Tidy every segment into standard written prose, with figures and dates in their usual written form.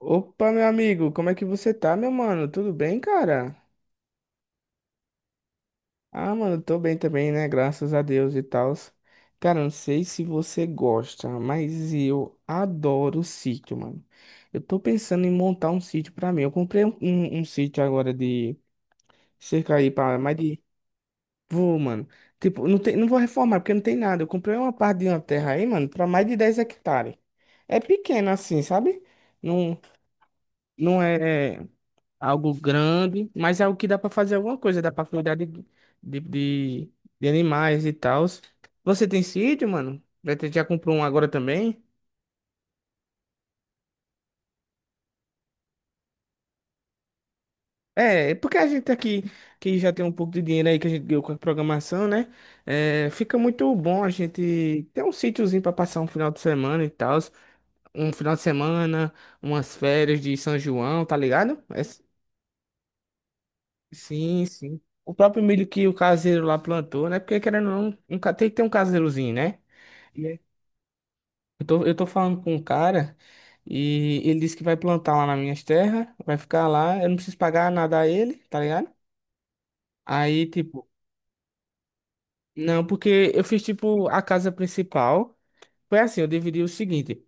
Opa, meu amigo, como é que você tá, meu mano? Tudo bem, cara? Ah, mano, tô bem também, né? Graças a Deus e tal. Cara, não sei se você gosta, mas eu adoro sítio, mano. Eu tô pensando em montar um sítio pra mim. Eu comprei um sítio agora de cerca aí pra mais de. Vou, mano. Tipo, não tem, não vou reformar porque não tem nada. Eu comprei uma parte de uma terra aí, mano, pra mais de 10 hectares. É pequeno assim, sabe? Não, não é algo grande, mas é algo que dá pra fazer alguma coisa, dá pra cuidar de, de, de animais e tal. Você tem sítio, mano? Já comprou um agora também? É porque a gente aqui, que já tem um pouco de dinheiro aí que a gente deu com a programação, né? É, fica muito bom a gente ter um sítiozinho pra passar um final de semana e tal. Um final de semana, umas férias de São João, tá ligado? É, sim, sim. O próprio milho que o caseiro lá plantou, né? Porque querendo ou não, tem que ter um caseirozinho, né? Eu eu tô falando com um cara e ele disse que vai plantar lá nas minhas terras, vai ficar lá, eu não preciso pagar nada a ele, tá ligado? Aí, tipo, não, porque eu fiz, tipo, a casa principal. Foi assim, eu dividi o seguinte: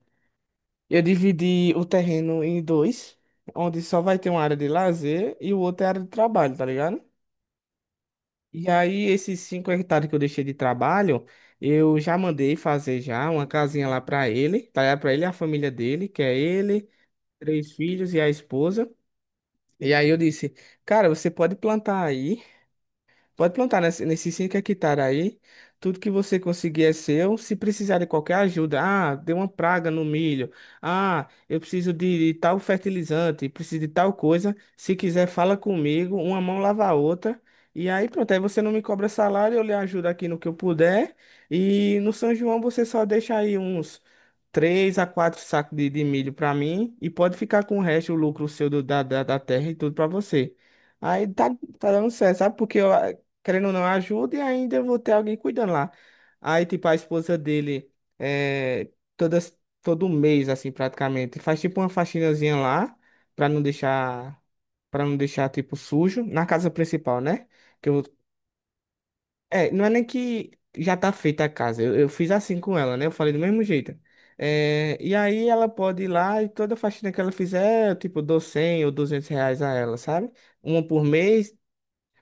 eu dividi o terreno em dois, onde só vai ter uma área de lazer e o outro é área de trabalho, tá ligado? E aí, esses 5 hectares que eu deixei de trabalho, eu já mandei fazer já uma casinha lá pra ele, tá ligado? Pra ele e a família dele, que é ele, três filhos e a esposa. E aí eu disse, cara, você pode plantar aí. Pode plantar nesses 5 hectares aí. Tudo que você conseguir é seu. Se precisar de qualquer ajuda, ah, deu uma praga no milho. Ah, eu preciso de tal fertilizante, preciso de tal coisa. Se quiser, fala comigo. Uma mão lava a outra. E aí, pronto. Aí você não me cobra salário, eu lhe ajudo aqui no que eu puder. E no São João você só deixa aí uns 3 a 4 sacos de milho para mim. E pode ficar com o resto, o lucro seu da terra e tudo para você. Aí tá dando certo, sabe? Porque eu, querendo ou não, ajuda e ainda eu vou ter alguém cuidando lá. Aí, tipo, a esposa dele, é, todas, todo mês, assim, praticamente, faz tipo uma faxinazinha lá, pra não deixar, pra não deixar, tipo, sujo, na casa principal, né? Que eu, não é nem que já tá feita a casa, eu fiz assim com ela, né? Eu falei do mesmo jeito. É, e aí ela pode ir lá e toda faxina que ela fizer, eu, tipo, dou 100 ou 200 reais a ela, sabe? Uma por mês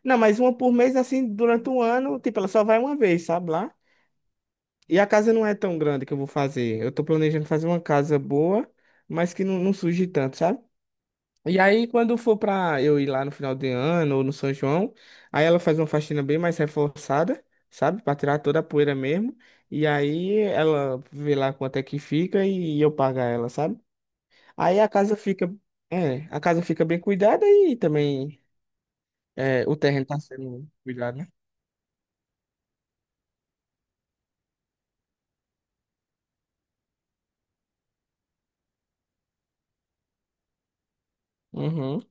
não, mas uma por mês, assim, durante um ano, tipo, ela só vai uma vez, sabe lá? E a casa não é tão grande que eu vou fazer. Eu tô planejando fazer uma casa boa, mas que não suje tanto, sabe? E aí, quando for pra eu ir lá no final de ano ou no São João, aí ela faz uma faxina bem mais reforçada, sabe? Pra tirar toda a poeira mesmo. E aí ela vê lá quanto é que fica e eu pago a ela, sabe? Aí a casa fica bem cuidada e também o terreno tá sendo cuidado, né? Uhum.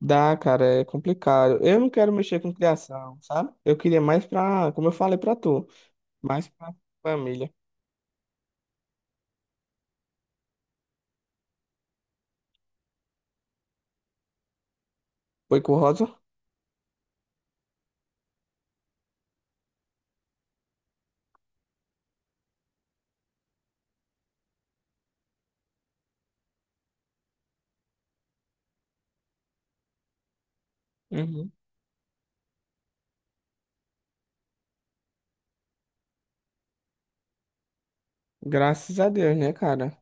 Dá, cara, é complicado. Eu não quero mexer com criação, sabe? Eu queria mais pra, como eu falei pra tu, mais pra família. Foi com Rosa? Uhum. Graças a Deus, né, cara?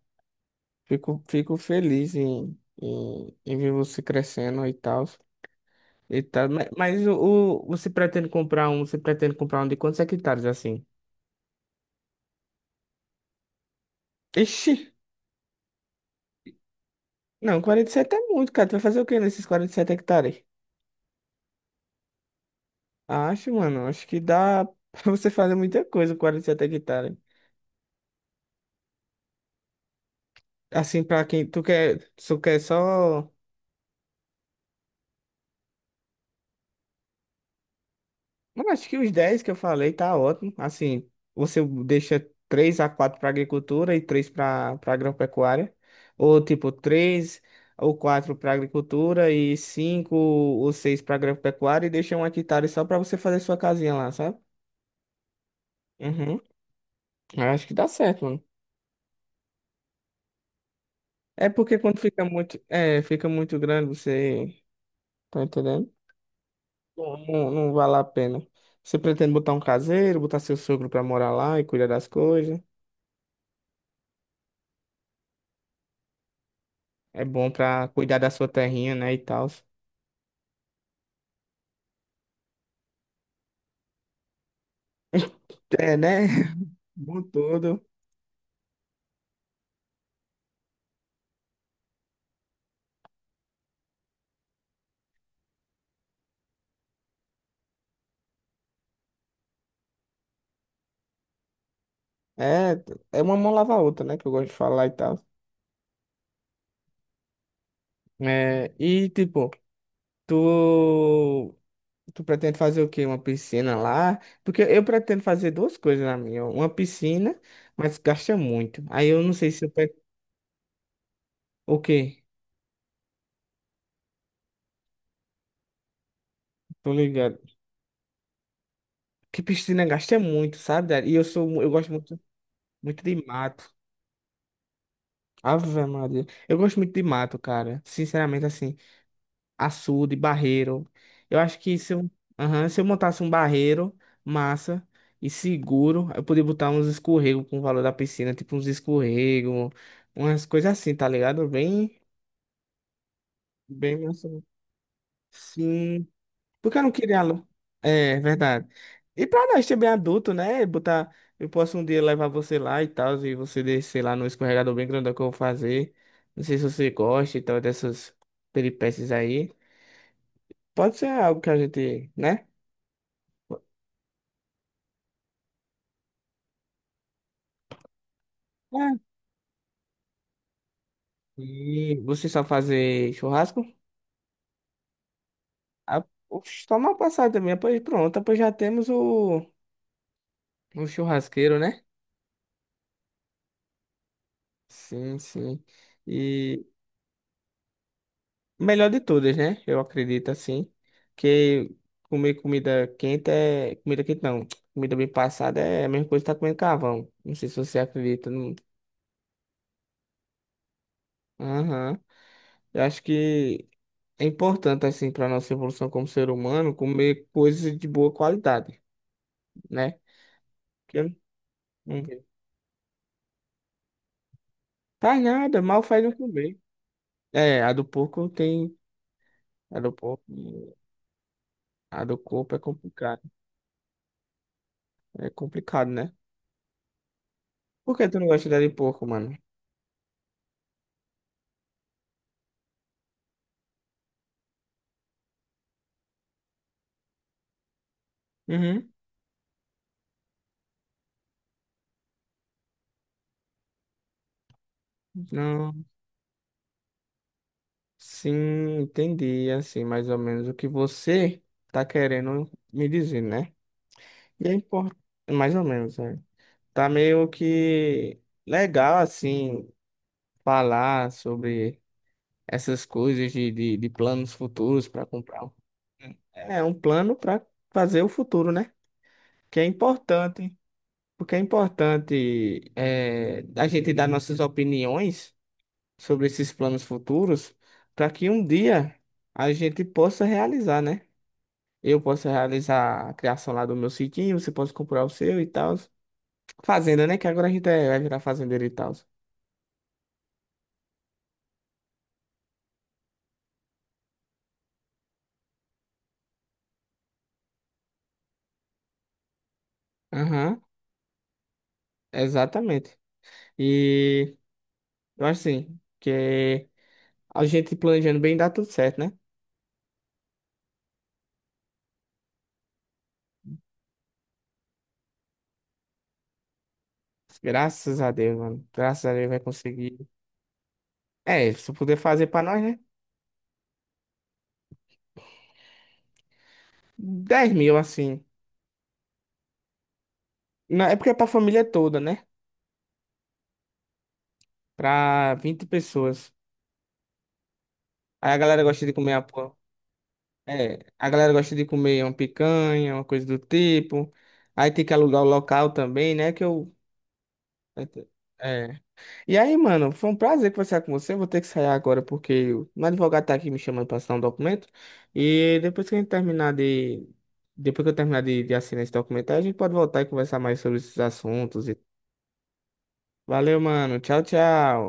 Fico feliz em ver você crescendo e tal. E tal. Mas, você pretende comprar um de quantos hectares assim? Ixi, não, 47 é muito, cara. Tu vai fazer o quê nesses 47 hectares? Acho, mano, acho que dá pra você fazer muita coisa com 47 hectares. Assim, pra quem tu quer só. Eu acho que os 10 que eu falei tá ótimo. Assim, você deixa 3 a 4 para agricultura e 3 para agropecuária. Ou tipo, 3 ou 4 para agricultura e 5 ou 6 para agropecuária e deixa um hectare só para você fazer sua casinha lá, sabe? Uhum. Eu acho que dá certo, mano. É porque quando fica muito, é, fica muito grande, você tá entendendo? Não, não vale a pena. Você pretende botar um caseiro, botar seu sogro pra morar lá e cuidar das coisas. É bom pra cuidar da sua terrinha, né, e tal. É, né? Bom tudo. É, é uma mão lava a outra, né, que eu gosto de falar e tal. É, e tipo, tu tu pretende fazer o quê? Uma piscina lá? Porque eu pretendo fazer duas coisas na minha. Uma piscina, mas gasta muito. Aí eu não sei se eu pego o quê? Tô ligado. Que piscina gasta muito, sabe? Dad? E eu sou, eu gosto muito. Muito de mato. Ave Maria. Eu gosto muito de mato, cara. Sinceramente, assim, açude, barreiro. Eu acho que se eu montasse um barreiro, massa e seguro, eu poderia botar uns escorregos com o valor da piscina, tipo uns escorregos, umas coisas assim, tá ligado? Bem massa. Sim, porque eu não queria aluno. É verdade. E pra nós ser bem adulto, né? Botar. Eu posso um dia levar você lá e tal, e você descer lá no escorregador bem grandão que eu vou fazer. Não sei se você gosta e tal, dessas peripécias aí. Pode ser algo que a gente, né? É. E você só fazer churrasco? Ah, oxe, só uma passada também, pois pronto, pois já temos o, churrasqueiro, né? Sim, sim. E. Melhor de todas, né? Eu acredito assim. Que comer comida quente é. Comida quente não. Comida bem passada é a mesma coisa que tá comendo carvão. Não sei se você acredita. Aham. Eu acho que é importante, assim, para nossa evolução como ser humano, comer coisas de boa qualidade, né? Que eu não faz nada, mal faz não comer. É, a do porco tem. A do porco. A do corpo é complicado. É complicado, né? Por que tu não gosta da de porco, mano? Uhum. Não. Sim, entendi, assim, mais ou menos o que você tá querendo me dizer, né? E é importante, mais ou menos, né? Tá meio que legal, assim, falar sobre essas coisas de planos futuros para comprar. É um plano para fazer o futuro, né? Que é importante, porque é importante é, a gente dar nossas opiniões sobre esses planos futuros para que um dia a gente possa realizar, né? Eu posso realizar a criação lá do meu sitinho, você pode comprar o seu e tal. Fazenda, né? Que agora a gente vai virar fazendeiro e tal. Aham, exatamente. E eu acho assim, que a gente planejando bem dá tudo certo, né? Graças a Deus, mano. Graças a Deus vai conseguir. É, se eu puder fazer pra nós, né? 10 mil, assim. Não, é porque é pra família toda, né? Pra 20 pessoas. Aí a galera gosta de comer uma picanha, uma coisa do tipo. Aí tem que alugar o local também, né? Que eu. É. E aí, mano, foi um prazer conversar com você. Eu vou ter que sair agora porque o meu advogado tá aqui me chamando pra assinar um documento. E depois que a gente terminar de. Depois que eu terminar de assinar esse documento, aí a gente pode voltar e conversar mais sobre esses assuntos. Valeu, mano. Tchau, tchau.